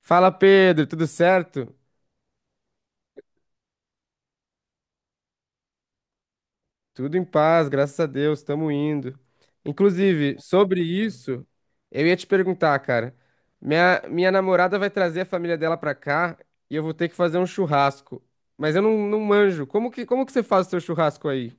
Fala Pedro, tudo certo? Tudo em paz, graças a Deus, estamos indo. Inclusive, sobre isso, eu ia te perguntar, cara. Minha namorada vai trazer a família dela pra cá e eu vou ter que fazer um churrasco. Mas eu não manjo. Como que você faz o seu churrasco aí?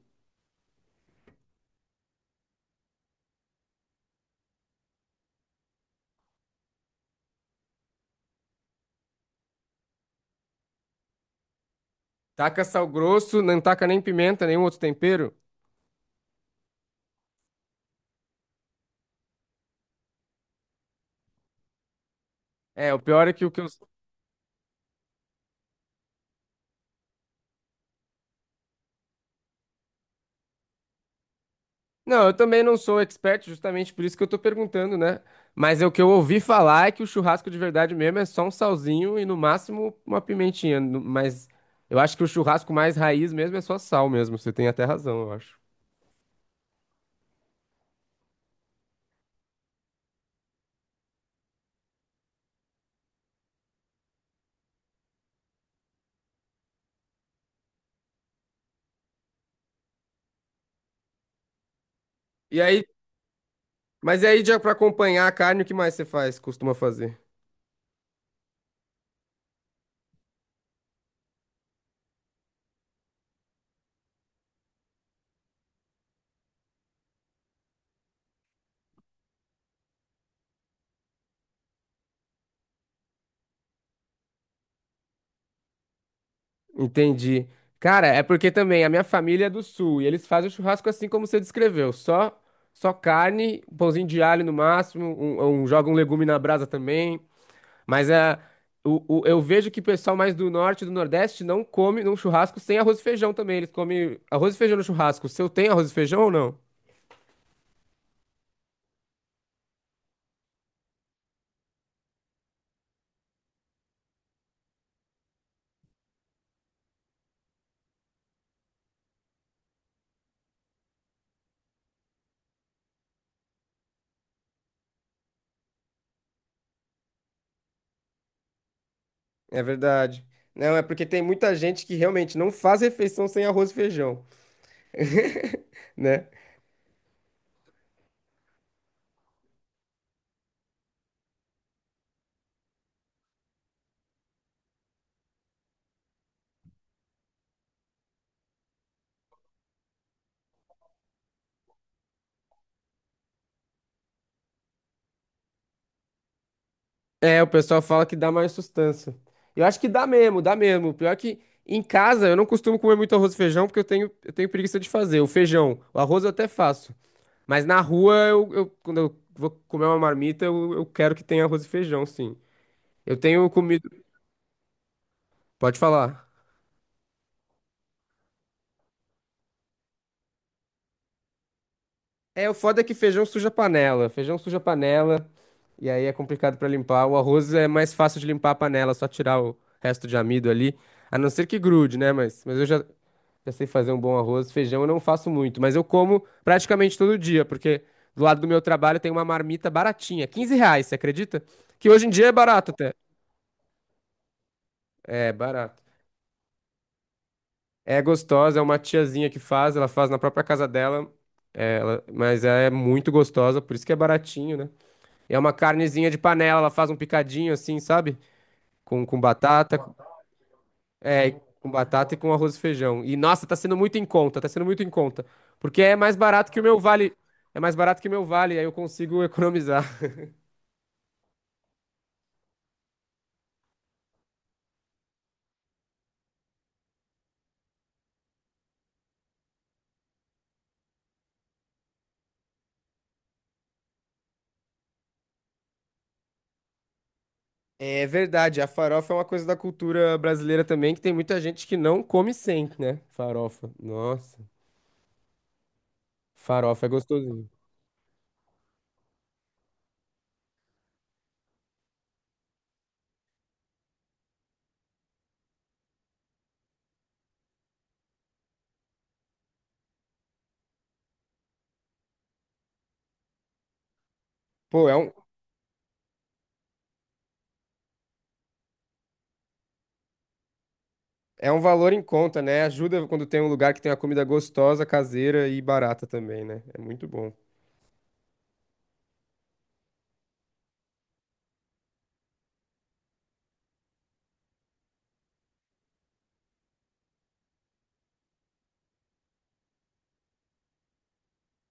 Taca sal grosso, não taca nem pimenta, nenhum outro tempero? É, o pior é que o que eu, Não, eu também não sou expert, justamente por isso que eu tô perguntando, né? Mas é o que eu ouvi falar é que o churrasco de verdade mesmo é só um salzinho e no máximo uma pimentinha. Mas eu acho que o churrasco mais raiz mesmo é só sal mesmo. Você tem até razão, eu acho. E aí, mas e aí, já pra acompanhar a carne, o que mais você faz, costuma fazer? Entendi. Cara, é porque também a minha família é do sul e eles fazem o churrasco assim como você descreveu, só carne, um pãozinho de alho no máximo, joga um legume na brasa também. Mas é, eu vejo que o pessoal mais do norte e do nordeste não come num churrasco sem arroz e feijão também. Eles comem arroz e feijão no churrasco. O seu tem arroz e feijão ou não? É verdade. Não, é porque tem muita gente que realmente não faz refeição sem arroz e feijão, né? É, o pessoal fala que dá mais sustância. Eu acho que dá mesmo, dá mesmo. O pior é que em casa eu não costumo comer muito arroz e feijão porque eu tenho preguiça de fazer. O feijão, o arroz eu até faço. Mas na rua, quando eu vou comer uma marmita, eu quero que tenha arroz e feijão, sim. Eu tenho comido. Pode falar. É, o foda é que feijão suja a panela. Feijão suja a panela. E aí é complicado pra limpar. O arroz é mais fácil de limpar a panela, só tirar o resto de amido ali. A não ser que grude, né? Mas eu já sei fazer um bom arroz. Feijão eu não faço muito, mas eu como praticamente todo dia, porque do lado do meu trabalho tem uma marmita baratinha, 15 reais, você acredita? Que hoje em dia é barato até. É, barato. É gostosa, é uma tiazinha que faz, ela faz na própria casa dela, mas ela é muito gostosa, por isso que é baratinho, né? É uma carnezinha de panela, ela faz um picadinho assim, sabe? Com batata, é, com batata e com arroz e feijão. E nossa, tá sendo muito em conta, tá sendo muito em conta, porque é mais barato que o meu vale, é mais barato que o meu vale, aí eu consigo economizar. É verdade, a farofa é uma coisa da cultura brasileira também, que tem muita gente que não come sem, né? Farofa, nossa, farofa é gostosinho. Pô, é um, É um valor em conta, né? Ajuda quando tem um lugar que tem uma comida gostosa, caseira e barata também, né? É muito bom.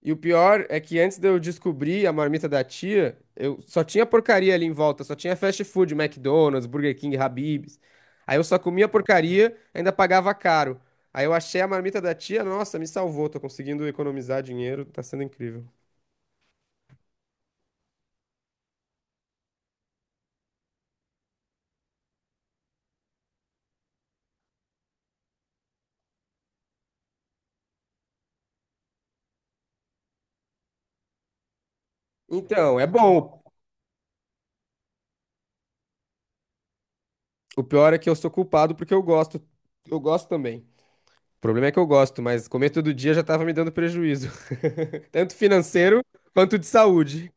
E o pior é que antes de eu descobrir a marmita da tia, eu só tinha porcaria ali em volta, só tinha fast food, McDonald's, Burger King, Habib's. Aí eu só comia porcaria, ainda pagava caro. Aí eu achei a marmita da tia, nossa, me salvou, tô conseguindo economizar dinheiro, tá sendo incrível. Então, é bom. O pior é que eu sou culpado porque eu gosto também. O problema é que eu gosto, mas comer todo dia já estava me dando prejuízo. Tanto financeiro quanto de saúde.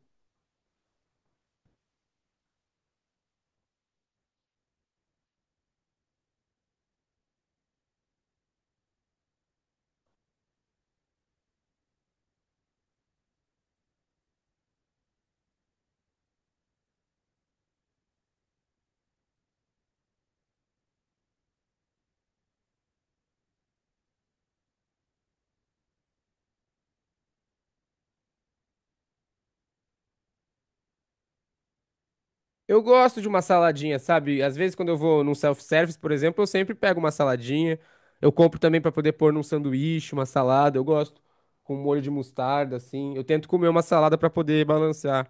Eu gosto de uma saladinha, sabe? Às vezes, quando eu vou num self-service, por exemplo, eu sempre pego uma saladinha. Eu compro também para poder pôr num sanduíche, uma salada. Eu gosto com um molho de mostarda, assim. Eu tento comer uma salada para poder balancear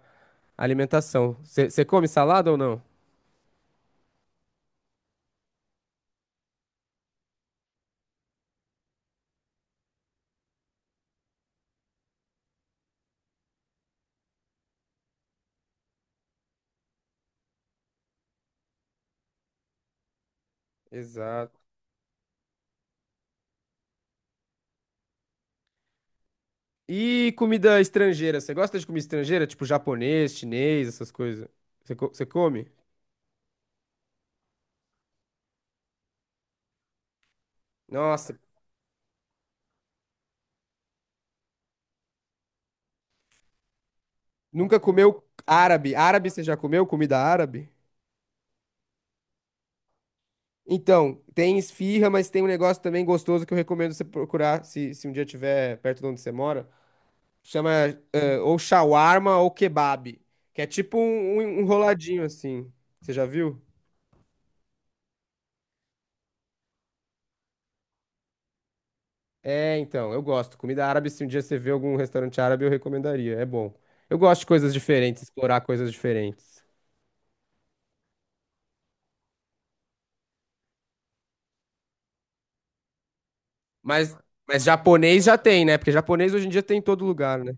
a alimentação. Você come salada ou não? Exato. E comida estrangeira? Você gosta de comida estrangeira? Tipo japonês, chinês, essas coisas? Você come? Nossa. Nunca comeu árabe? Árabe você já comeu? Comida árabe? Então, tem esfirra, mas tem um negócio também gostoso que eu recomendo você procurar se um dia tiver perto de onde você mora. Chama ou shawarma ou kebab, que é tipo um enroladinho assim. Você já viu? É, então, eu gosto. Comida árabe, se um dia você vê algum restaurante árabe, eu recomendaria. É bom. Eu gosto de coisas diferentes, explorar coisas diferentes. Mas, mas japonês já tem, né? Porque japonês hoje em dia tem em todo lugar, né?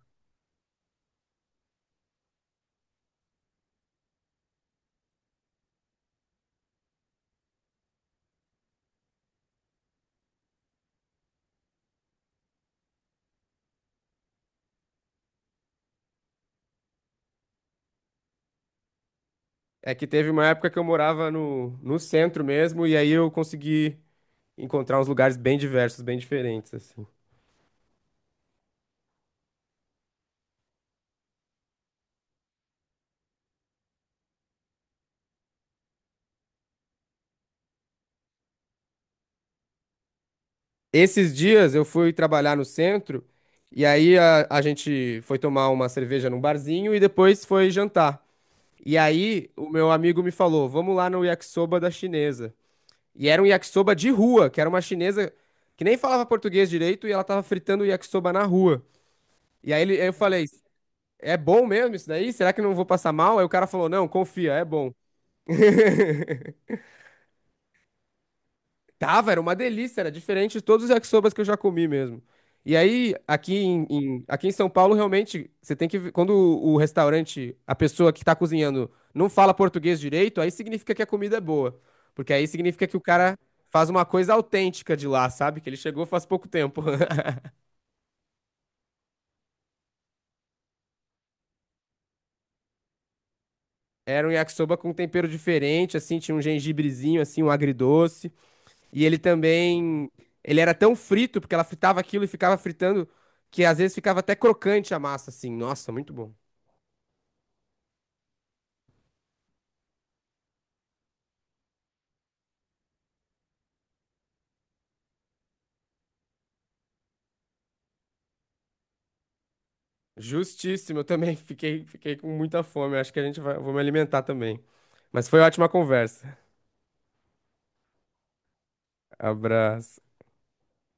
É que teve uma época que eu morava no centro mesmo, e aí eu consegui encontrar uns lugares bem diversos, bem diferentes, assim. Esses dias eu fui trabalhar no centro, e aí a gente foi tomar uma cerveja num barzinho e depois foi jantar. E aí o meu amigo me falou: vamos lá no yakisoba da chinesa. E era um yakisoba de rua, que era uma chinesa que nem falava português direito, e ela tava fritando o yakisoba na rua. Eu falei, é bom mesmo isso daí? Será que eu não vou passar mal? Aí o cara falou, não, confia, é bom. Tava, era uma delícia, era diferente de todos os yakisobas que eu já comi mesmo. E aí, aqui em São Paulo, realmente, você tem que ver. Quando o restaurante, a pessoa que tá cozinhando, não fala português direito, aí significa que a comida é boa. Porque aí significa que o cara faz uma coisa autêntica de lá, sabe? Que ele chegou faz pouco tempo. Era um yakisoba com tempero diferente, assim, tinha um gengibrezinho, assim, um agridoce. E ele também, ele era tão frito, porque ela fritava aquilo e ficava fritando, que às vezes ficava até crocante a massa, assim. Nossa, muito bom. Justíssimo, eu também fiquei com muita fome. Acho que a gente vai, vou me alimentar também. Mas foi ótima conversa. Abraço.